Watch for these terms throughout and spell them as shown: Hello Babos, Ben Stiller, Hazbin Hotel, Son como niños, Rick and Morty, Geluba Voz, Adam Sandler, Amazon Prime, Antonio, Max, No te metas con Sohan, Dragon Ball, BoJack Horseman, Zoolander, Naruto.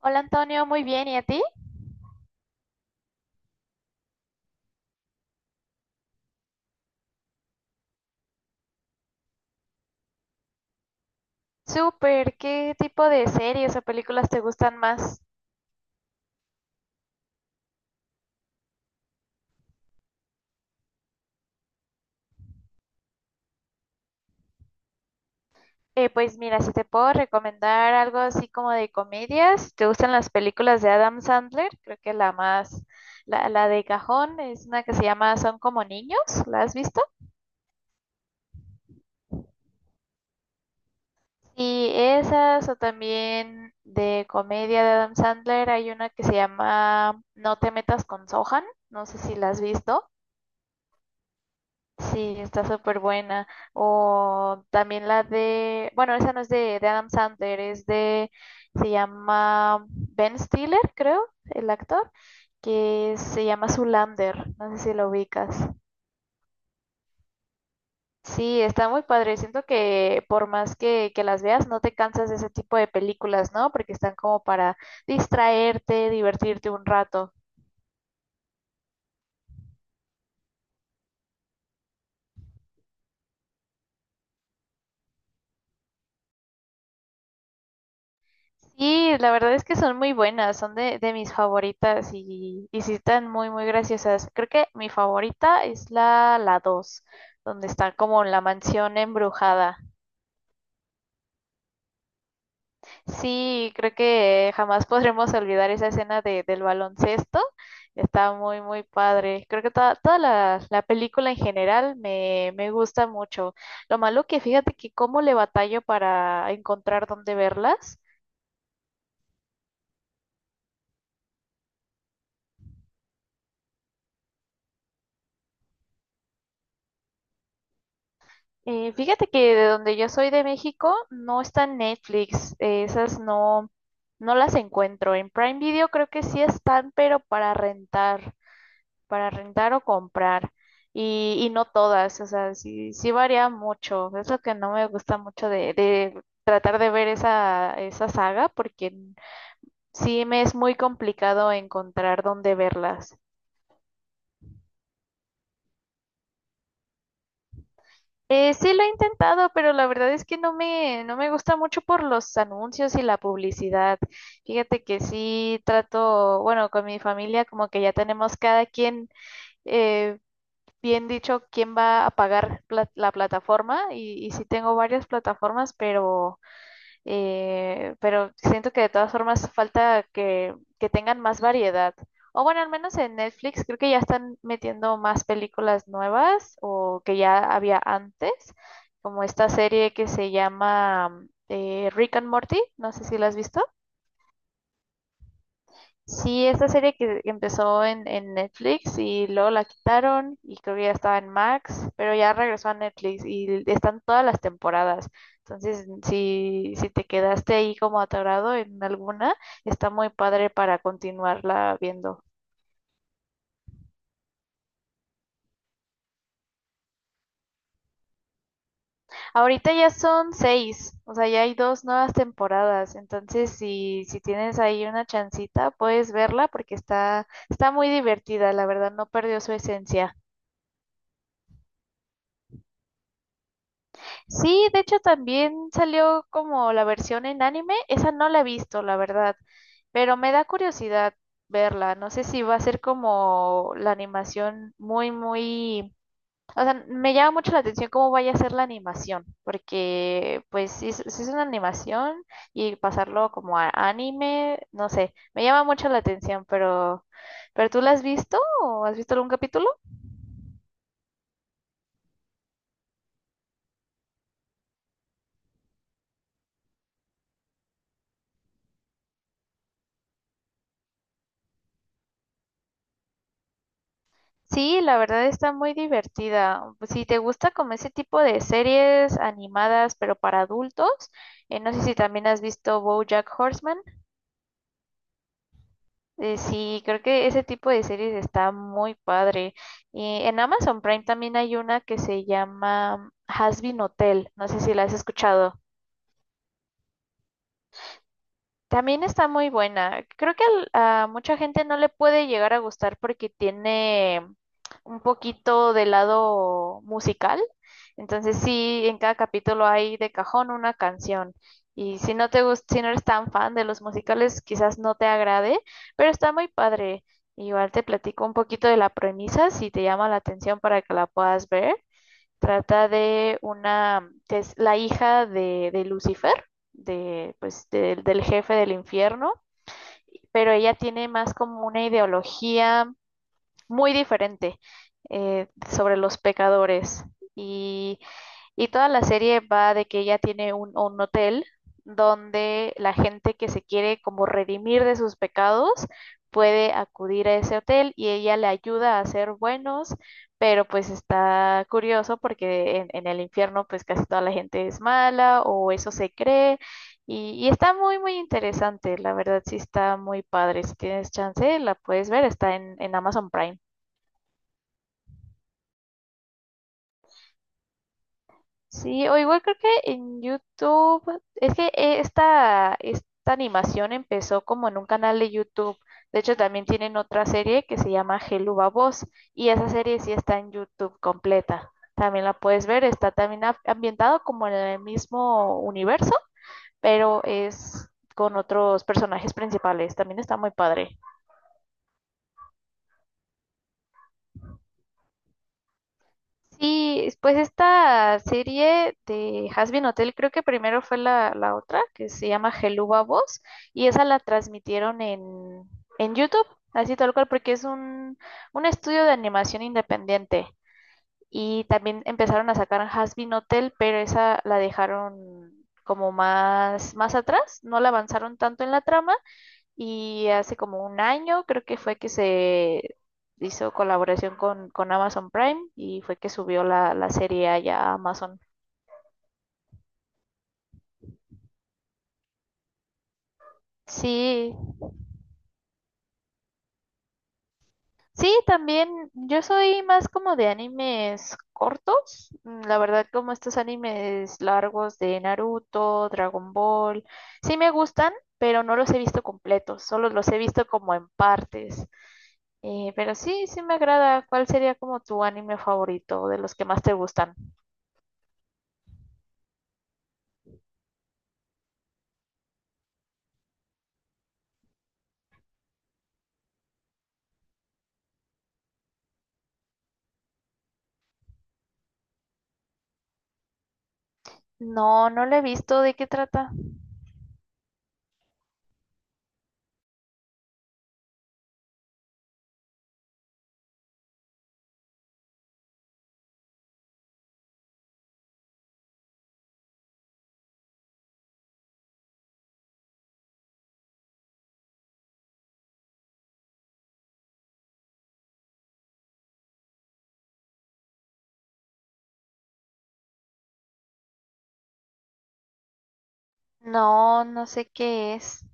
Hola Antonio, muy bien, ¿y a ti? Súper, ¿qué tipo de series o películas te gustan más? Pues mira, si te puedo recomendar algo así como de comedias, si te gustan las películas de Adam Sandler, creo que la de cajón es una que se llama Son como niños, ¿la has visto? Y esas o también de comedia de Adam Sandler hay una que se llama No te metas con Sohan, no sé si la has visto. Sí, está súper buena. O también la de, bueno, esa no es de Adam Sandler, se llama Ben Stiller, creo, el actor, que se llama Zoolander. No sé si lo ubicas. Sí, está muy padre. Siento que por más que las veas, no te cansas de ese tipo de películas, ¿no? Porque están como para distraerte, divertirte un rato. Sí, la verdad es que son muy buenas, son de mis favoritas y sí están muy, muy graciosas. Creo que mi favorita es la 2, donde está como la mansión embrujada. Sí, creo que jamás podremos olvidar esa escena del baloncesto. Está muy, muy padre. Creo que toda la película en general me gusta mucho. Lo malo que fíjate que cómo le batallo para encontrar dónde verlas. Fíjate que de donde yo soy de México no está en Netflix, esas no las encuentro. En Prime Video creo que sí están, pero para rentar o comprar. Y no todas, o sea, sí varía mucho. Es lo que no me gusta mucho de tratar de ver esa saga, porque sí me es muy complicado encontrar dónde verlas. Sí lo he intentado, pero la verdad es que no me gusta mucho por los anuncios y la publicidad. Fíjate que sí trato, bueno, con mi familia como que ya tenemos cada quien eh, bien dicho quién va a pagar la plataforma y sí tengo varias plataformas, pero siento que de todas formas falta que tengan más variedad. O bueno, al menos en Netflix creo que ya están metiendo más películas nuevas o que ya había antes, como esta serie que se llama Rick and Morty, no sé si la has visto. Sí, esta serie que empezó en Netflix y luego la quitaron y creo que ya estaba en Max, pero ya regresó a Netflix y están todas las temporadas. Entonces, si te quedaste ahí como atorado en alguna, está muy padre para continuarla viendo. Ahorita ya son seis, o sea, ya hay dos nuevas temporadas. Entonces, si tienes ahí una chancita, puedes verla porque está muy divertida, la verdad, no perdió su esencia. Sí, de hecho también salió como la versión en anime. Esa no la he visto, la verdad, pero me da curiosidad verla. No sé si va a ser como la animación muy, muy... O sea, me llama mucho la atención cómo vaya a ser la animación, porque pues si, es si es una animación y pasarlo como a anime, no sé, me llama mucho la atención, ¿pero tú la has visto o has visto algún capítulo? Sí, la verdad está muy divertida. Si te gusta como ese tipo de series animadas, pero para adultos, no sé si también has visto BoJack Horseman. Sí, creo que ese tipo de series está muy padre. Y en Amazon Prime también hay una que se llama Hazbin Hotel. No sé si la has escuchado. También está muy buena. Creo que a mucha gente no le puede llegar a gustar porque tiene un poquito de lado musical. Entonces sí, en cada capítulo hay de cajón una canción. Y si no te gusta, si no eres tan fan de los musicales, quizás no te agrade, pero está muy padre. Igual te platico un poquito de la premisa si te llama la atención para que la puedas ver. Trata de una que es la hija de Lucifer, de, pues, del jefe del infierno, pero ella tiene más como una ideología muy diferente sobre los pecadores. Y, y toda la serie va de que ella tiene un hotel donde la gente que se quiere como redimir de sus pecados puede acudir a ese hotel y ella le ayuda a ser buenos, pero pues está curioso porque en el infierno pues casi toda la gente es mala o eso se cree y está muy muy interesante, la verdad sí está muy padre, si tienes chance la puedes ver, está en Amazon Prime. Sí, o igual creo que en YouTube, es que esta animación empezó como en un canal de YouTube. De hecho, también tienen otra serie que se llama Hello Babos y esa serie sí está en YouTube completa. También la puedes ver, está también ambientado como en el mismo universo, pero es con otros personajes principales. También está muy padre. Sí, pues esta serie de Hazbin Hotel, creo que primero fue la otra, que se llama Geluba Voz, y esa la transmitieron en YouTube, así tal cual, porque es un estudio de animación independiente. Y también empezaron a sacar Hazbin Hotel, pero esa la dejaron como más atrás, no la avanzaron tanto en la trama y hace como un año creo que fue que se hizo colaboración con Amazon Prime y fue que subió la serie allá a Amazon. Sí, sí, también yo soy más como de animes cortos, mm, la verdad como estos animes largos de Naruto, Dragon Ball, sí me gustan, pero no los he visto completos, solo los he visto como en partes. Pero sí, sí me agrada. ¿Cuál sería como tu anime favorito de los que más te gustan? No, no la he visto. ¿De qué trata? No, no sé qué es.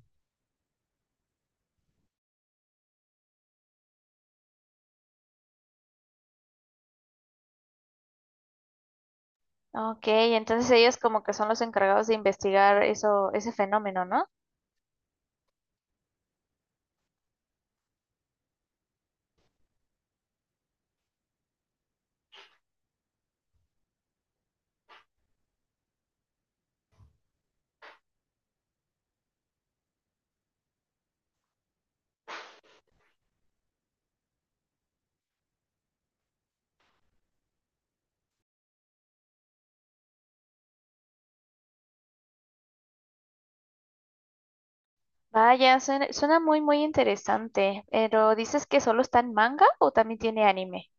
Ok, entonces ellos como que son los encargados de investigar eso, ese fenómeno, ¿no? Vaya, suena, suena muy, muy interesante. Pero ¿dices que solo está en manga o también tiene anime?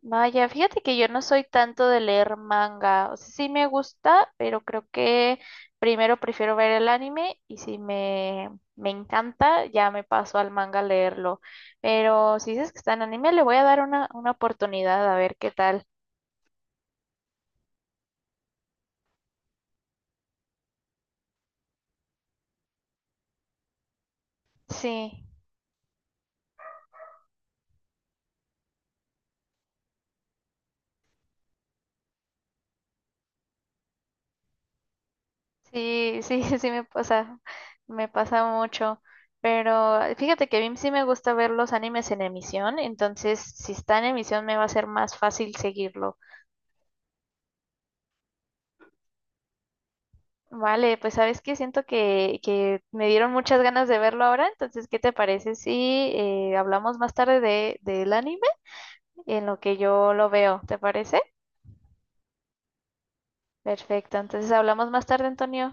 Vaya, fíjate que yo no soy tanto de leer manga. O sea, sí me gusta, pero creo que primero prefiero ver el anime y si me encanta, ya me paso al manga a leerlo. Pero si dices que está en anime, le voy a dar una oportunidad a ver qué tal. Sí, sí, sí, sí me pasa mucho. Pero fíjate que a mí sí me gusta ver los animes en emisión, entonces si está en emisión me va a ser más fácil seguirlo. Vale, pues sabes que siento que me dieron muchas ganas de verlo ahora, entonces, ¿qué te parece si hablamos más tarde del anime en lo que yo lo veo? ¿Te parece? Perfecto, entonces hablamos más tarde, Antonio.